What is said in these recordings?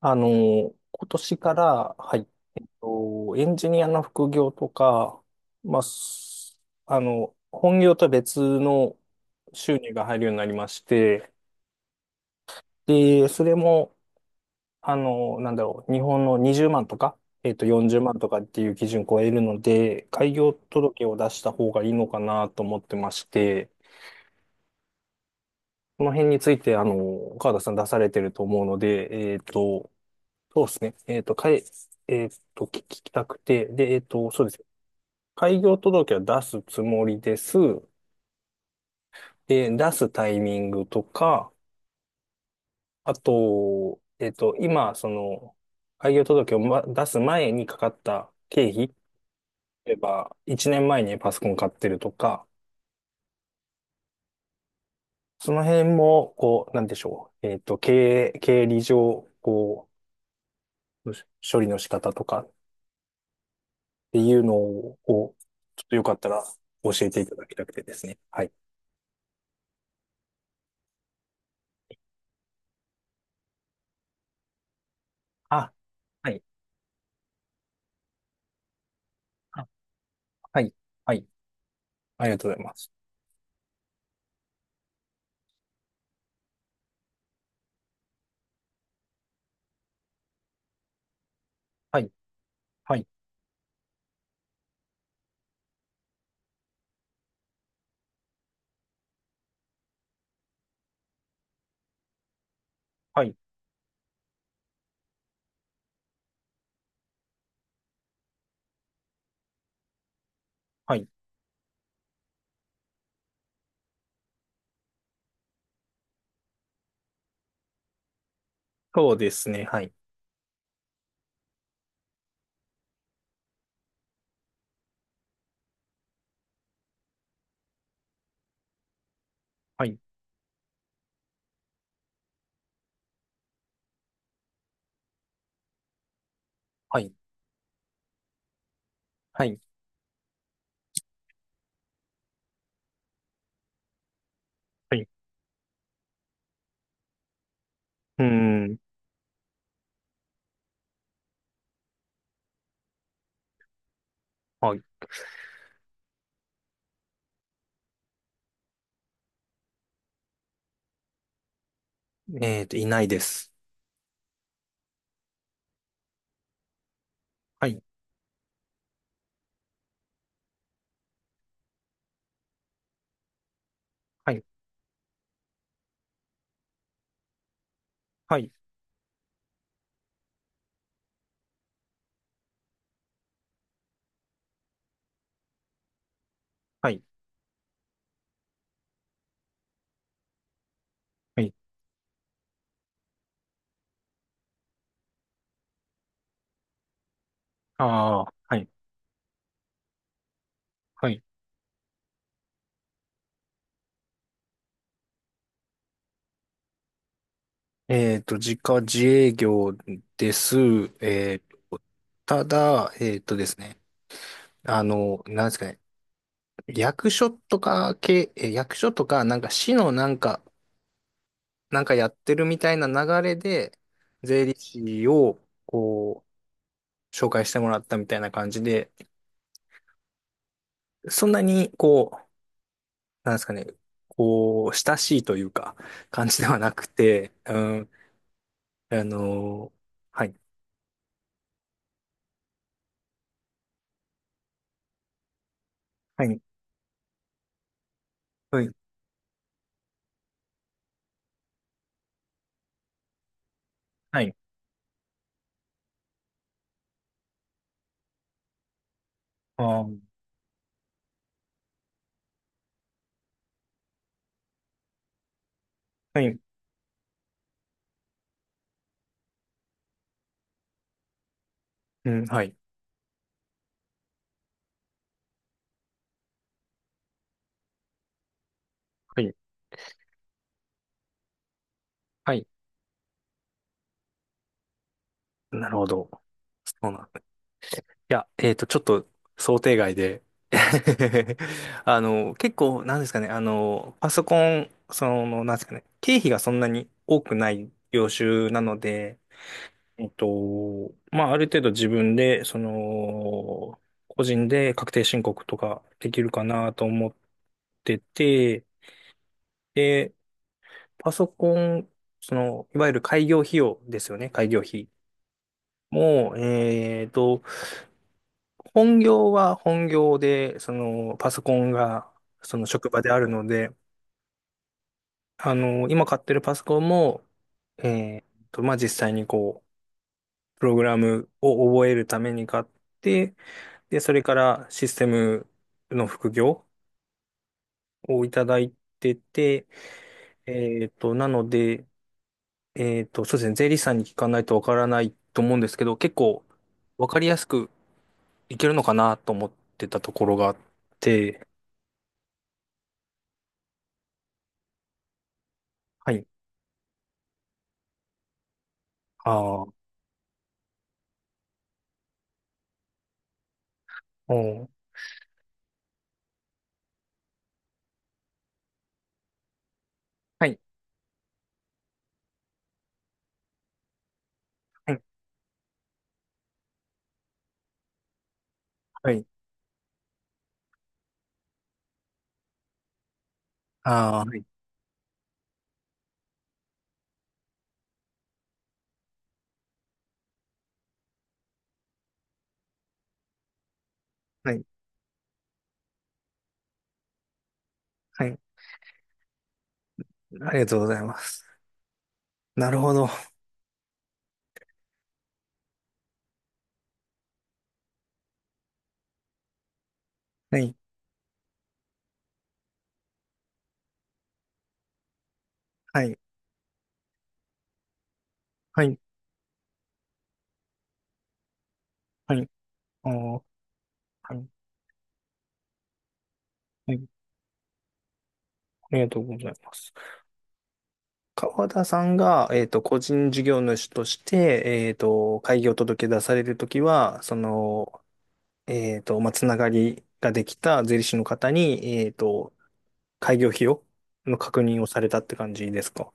今年から、はい、と、エンジニアの副業とか、まあ、本業とは別の収入が入るようになりまして、で、それも、なんだろう、日本の20万とか、40万とかっていう基準を超えるので、開業届を出した方がいいのかなと思ってまして、この辺について、川田さん出されてると思うので、そうですね。えっと、かい、えっと、聞きたくて、で、そうです。開業届は出すつもりです。で、出すタイミングとか、あと、今、その、開業届を、出す前にかかった経費、例えば、1年前にパソコン買ってるとか、その辺も、こう、なんでしょう。経理上、こう、処理の仕方とかっていうのを、こうちょっとよかったら教えていただきたくてですね。はい。あ、はい。あはい。はい。ありがとうございます。はい。はい。はい。はい。そうですね。はい。はい。はい。はい。はい。うーん。はい。いないです。はい。はい。はい。はい。はい。ああ、はい。はい。自家自営業です。えっと、ただ、えっとですね。なんですかね。役所とか、なんか市のなんかやってるみたいな流れで、税理士を、こう、紹介してもらったみたいな感じで、そんなに、こう、なんですかね、こう、親しいというか、感じではなくて、うん、あのはい、はい、はい、はい、あー、はい、うん、はい、はい、はい、なるほど。そうなん、いや、ちょっと想定外で 結構、なんですかね、パソコン、その、なんですかね、経費がそんなに多くない業種なので、まあ、ある程度自分で、その、個人で確定申告とかできるかなと思ってて、で、パソコン、その、いわゆる開業費用ですよね、開業費も、本業は本業で、そのパソコンがその職場であるので、今買ってるパソコンも、えーっまあ、実際にこう、プログラムを覚えるために買って、で、それからシステムの副業をいただいてて、えなので、そうですね、税理士さんに聞かないとわからないと思うんですけど、結構わかりやすくいけるのかなと思ってたところがあって、はい。ああ、おはい。はい。はい。ああ、はい。はい。はい。ありがとうございます。なるほど。はい。はい。はい。はい。ああ、はい。はい。ありがとうございます。川田さんが、個人事業主として、開業届出されるときは、その、まあ、つながりができた税理士の方に、開業費の確認をされたって感じですか？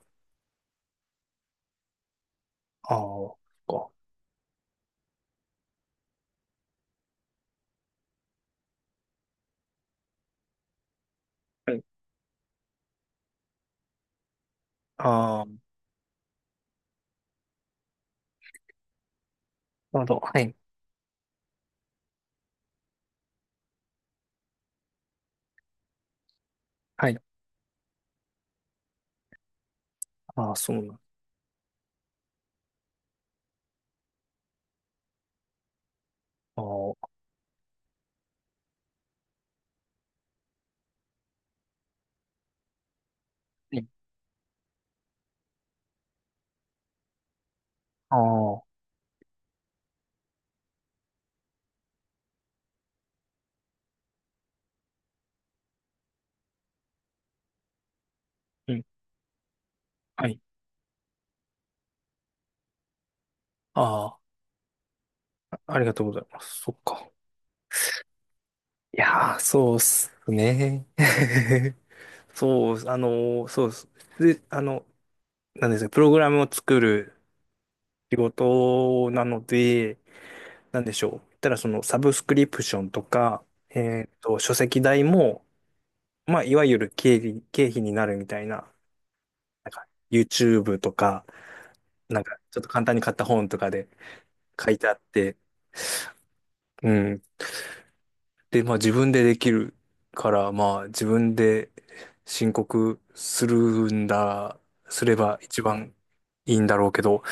ああ、そっか。はい。ああ、なるほど。はい。はい。ああ、そうなん。ああ、はい、ああ、うん。はい。ああ、ありがとうございます。そっか。いやー、そうっすね。そう、そうっす。で、なんですか、プログラムを作る仕事なので、なんでしょう。言ったら、その、サブスクリプションとか、書籍代も、まあ、いわゆる経費になるみたいな、なんか、YouTube とか、なんか、ちょっと簡単に買った本とかで書いてあって、うんで、まあ自分でできるから、まあ自分で申告するんだ、すれば一番いいんだろうけど、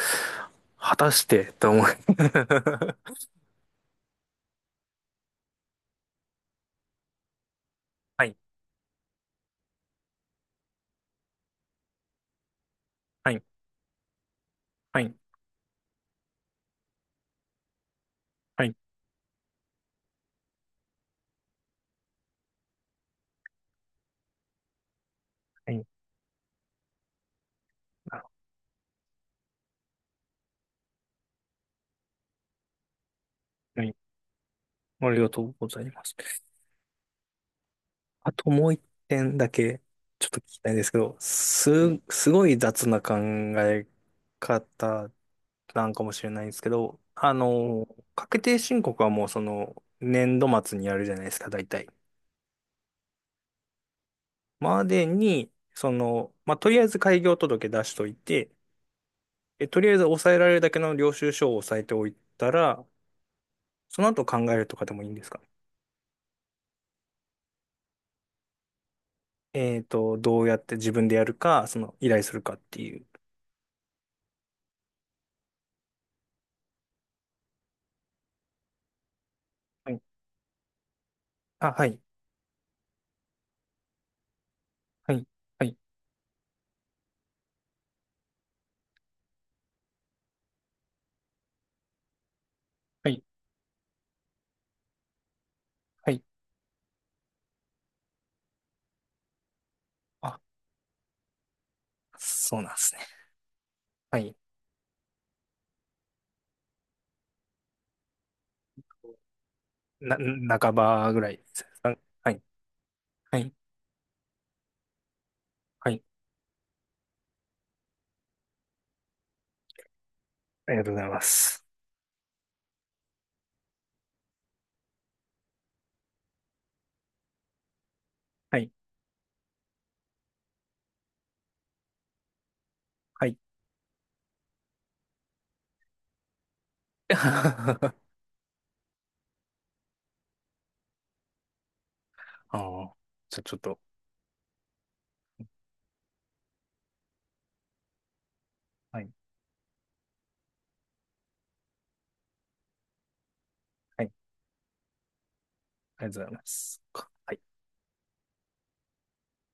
果たしてと思う。はい、はい、はい、はい、はい、あはい、ありがとうございます。あともう一点だけちょっと聞きたいんですけど、すごい雑な考え方なんかもしれないんですけど、確定申告はもうその年度末にやるじゃないですか、大体。までに、その、まあ、とりあえず開業届出しといて、とりあえず抑えられるだけの領収書を抑えておいたら、その後考えるとかでもいいんですか？どうやって自分でやるか、その依頼するかっていう。はい、あ、はい、はい、はい、はい、はい。あ、そうなんですね。はい。な、半ばぐらいですか？はい、はい、はい。ありがとうございます。はい。はい。ああ。じゃあちょっと、はい。はい。ありがとうございます。はい。